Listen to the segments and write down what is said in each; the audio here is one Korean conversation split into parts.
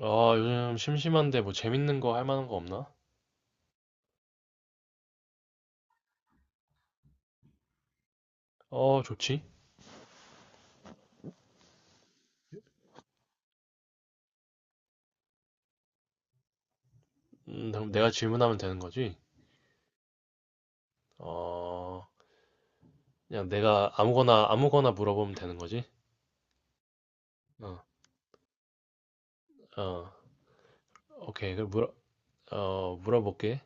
아, 요즘 심심한데 뭐 재밌는 거 할 만한 거 없나? 어, 좋지. 그럼 내가 질문하면 되는 거지? 어, 그냥 내가 아무거나 물어보면 되는 거지? 어, 어, 오케이. 어, 물어볼게.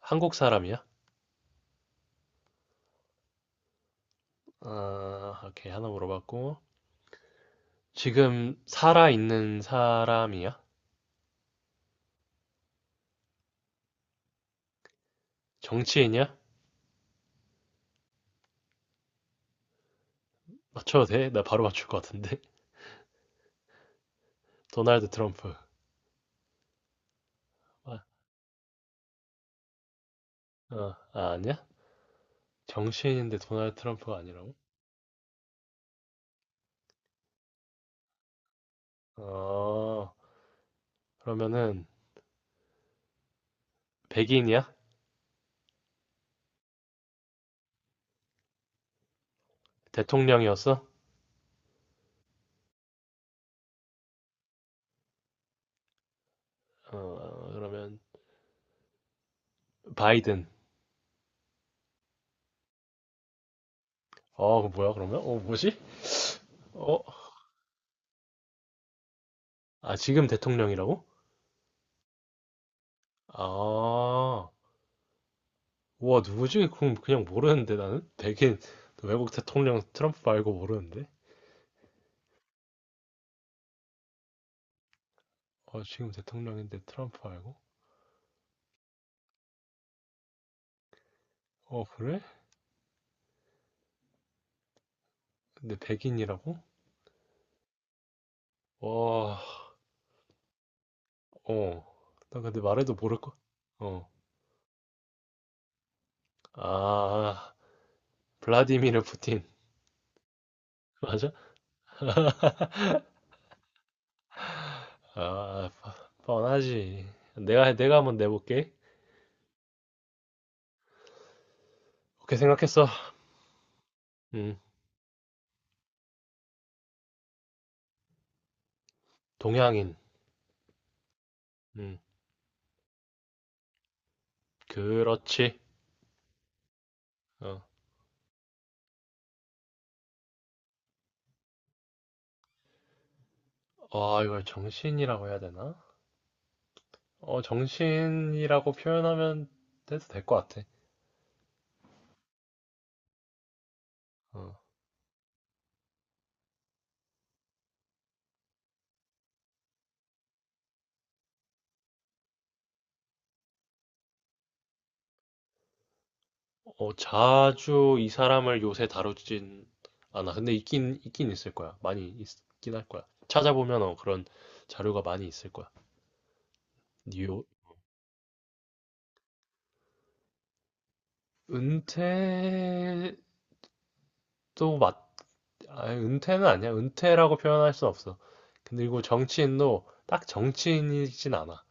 한국 사람이야? 아, 오케이. 하나 물어봤고. 지금 살아있는 사람이야? 정치인이야? 맞춰도 돼? 나 바로 맞출 것 같은데. 도널드 트럼프. 아, 아, 아니야? 정치인인데 도널드 트럼프가 아니라고? 어, 그러면은, 백인이야? 대통령이었어? 어, 그러면 바이든. 어, 그 뭐야 그러면? 어, 뭐지? 어, 아 지금 대통령이라고? 아, 우와 누구지? 그럼 그냥 모르는데 나는 백인 외국 대통령 트럼프 말고 모르는데? 어, 지금 대통령인데 트럼프 알고? 어, 그래? 근데 백인이라고? 와, 어, 나 근데 말해도 모를 거. 어, 아, 블라디미르 푸틴 맞아? 아, 뻔하지. 내가 한번 내볼게. 그렇게 생각했어. 음, 동양인. 음, 그렇지. 어, 와, 이걸 정신이라고 해야 되나? 어, 정신이라고 표현하면 돼도 될 것 같아. 어, 자주 이 사람을 요새 다루진 않아. 근데 있긴 있을 거야. 많이 있긴 할 거야. 찾아보면 어, 그런 자료가 많이 있을 거야. 뉴, 은퇴도 맞, 아, 은퇴는 아니야. 은퇴라고 표현할 순 없어. 근데 이거 정치인도 딱 정치인이진 않아.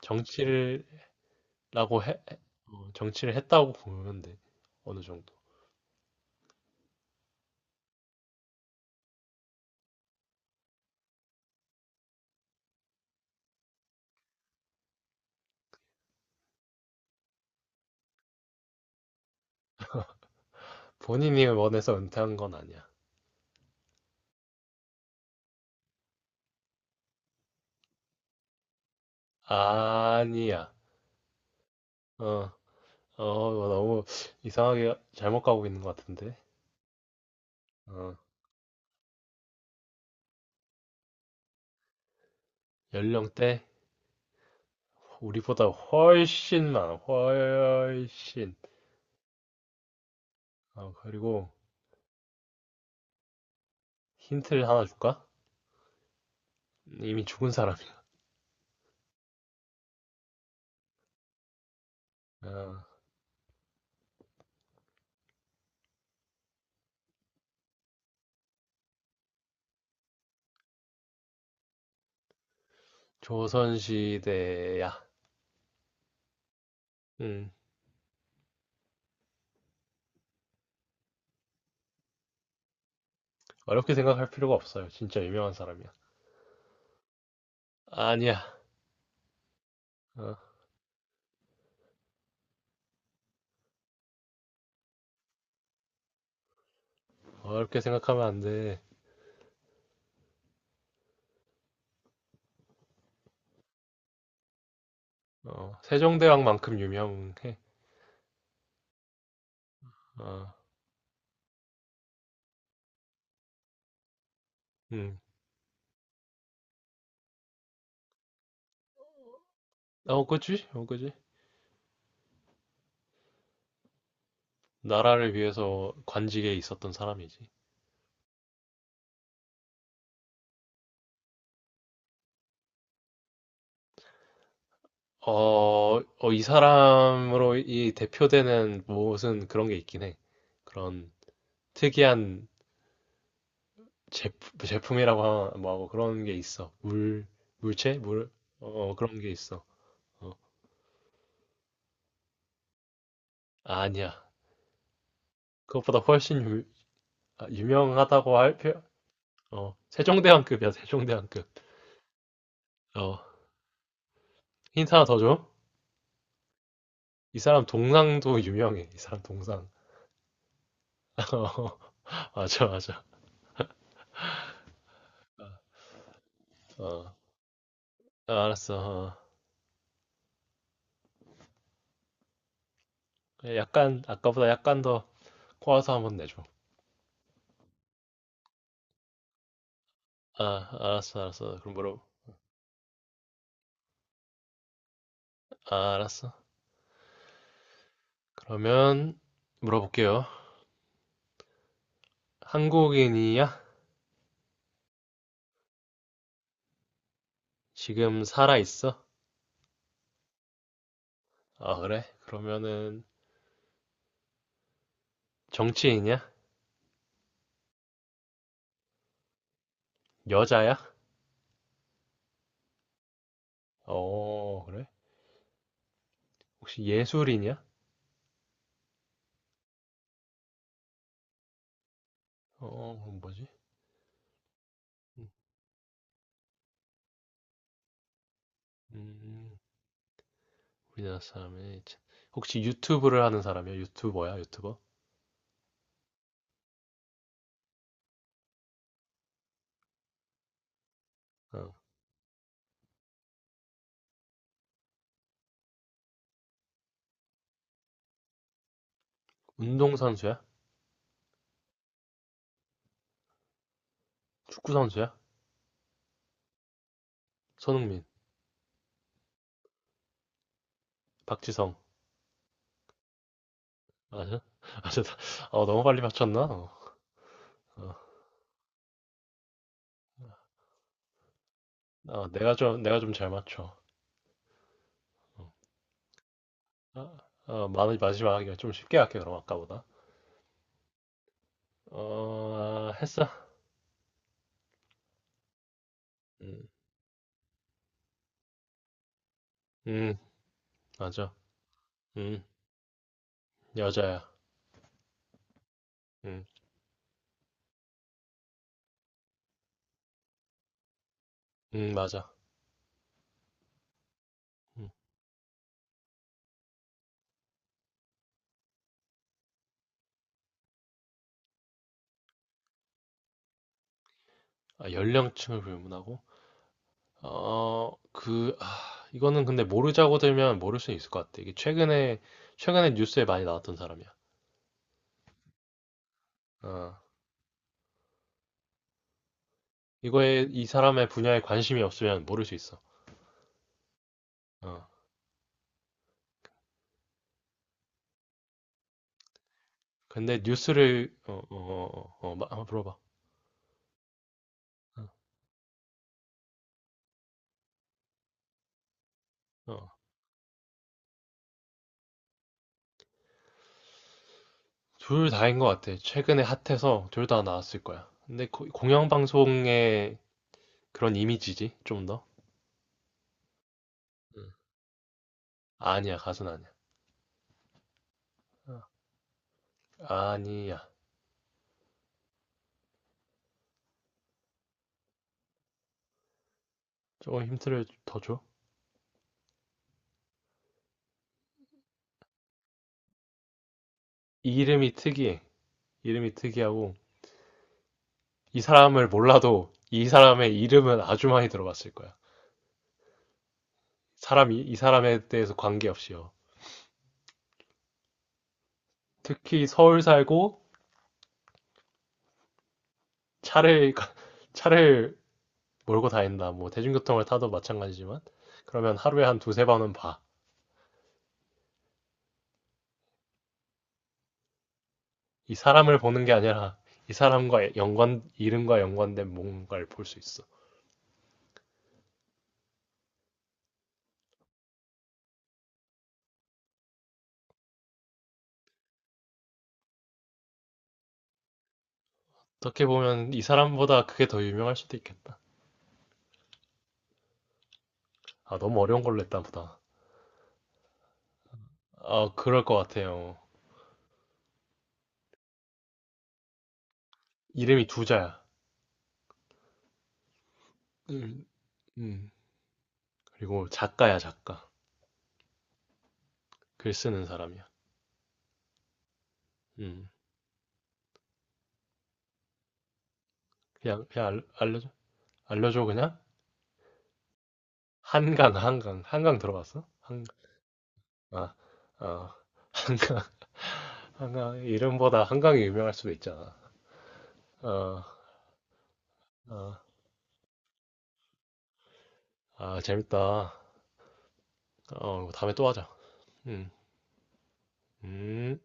정치라고 해, 어, 정치를 했다고 보면 돼. 어느 정도. 본인이 원해서 은퇴한 건 아니야. 아니야. 어, 어, 뭐 너무 이상하게 잘못 가고 있는 것 같은데. 어, 연령대 우리보다 훨씬 많아. 훨씬. 어, 그리고 힌트를 하나 줄까? 이미 죽은 사람이야. 어, 조선시대야. 음, 어렵게 생각할 필요가 없어요. 진짜 유명한 사람이야. 아니야. 어, 어렵게 생각하면 안 돼. 어, 세종대왕만큼 유명해. 어, 음. 어, 그지? 어, 그지? 나라를 위해서 관직에 있었던 사람이지. 어, 이 사람으로 이 대표되는 무엇은 그런 게 있긴 해. 그런 특이한 제품이라고 뭐 하고 그런 게 있어. 물체? 어, 어, 그런 게 있어. 어, 아니야. 그것보다 훨씬 유, 아, 유명하다고 할 어, 세종대왕급이야, 세종대왕급. 어, 힌트 하나 더 줘. 이 사람 동상도 유명해. 이 사람 동상. 어, 맞아, 맞아. 어, 아, 알았어. 어. 약간 아까보다 약간 더 꼬아서 한번 내줘. 아, 알았어. 그럼 물어. 아, 알았어. 그러면 물어볼게요. 한국인이야? 지금 살아 있어? 아, 그래? 그러면은 정치인이야? 여자야? 어, 그래? 혹시 예술인이야? 어, 그럼 뭐지? 음, 음, 우리나라 사람이 혹시 유튜브를 하는 사람이야? 유튜버야? 유튜버? 어, 운동 선수야? 축구 선수야? 손흥민, 박지성. 맞아? 맞아. 어, 너무 빨리 맞췄나? 어, 어. 어, 내가 좀 잘 맞춰. 어, 아, 마지막이야. 좀 쉽게 할게, 그럼 아까보다. 어, 했어? 음, 음, 맞아. 음, 여자야. 음, 맞아. 음. 아, 연령층을 불문하고? 아, 이거는 근데 모르자고 들면 모를 수 있을 것 같아. 최근에 뉴스에 많이 나왔던 사람이야. 어. 이거에 이 사람의 분야에 관심이 없으면 모를 수 있어. 어. 근데 뉴스를 한번 물어봐. 어. 어. 둘 다인 것 같아. 최근에 핫해서 둘 다 나왔을 거야. 근데 공영방송의 그런 이미지지, 좀 더. 음. 아니야, 가수는 아니야. 어. 아니야. 조금 힌트를 더 줘. 이름이 특이해. 이름이 특이하고 이 사람을 몰라도 이 사람의 이름은 아주 많이 들어봤을 거야. 사람이 이 사람에 대해서 관계없이요. 특히 서울 살고 차를 차를 몰고 다닌다. 뭐 대중교통을 타도 마찬가지지만 그러면 하루에 한 두세 번은 봐. 이 사람을 보는 게 아니라 이 사람과 연관 이름과 연관된 뭔가를 볼 수 있어. 어떻게 보면 이 사람보다 그게 더 유명할 수도 있겠다. 아, 너무 어려운 걸로 했다 보다. 아, 그럴 것 같아요. 이름이 두 자야. 음, 음. 그리고 작가야, 작가. 글 쓰는 사람이야. 음. 그냥 알려줘. 알려줘 그냥. 한강, 한강. 한강 들어봤어? 한강 아, 아, 한강, 한강, 이름보다 한강이 유명할 수도 있잖아. 어, 어, 아, 재밌다. 어, 다음에 또 하자. 음, 음.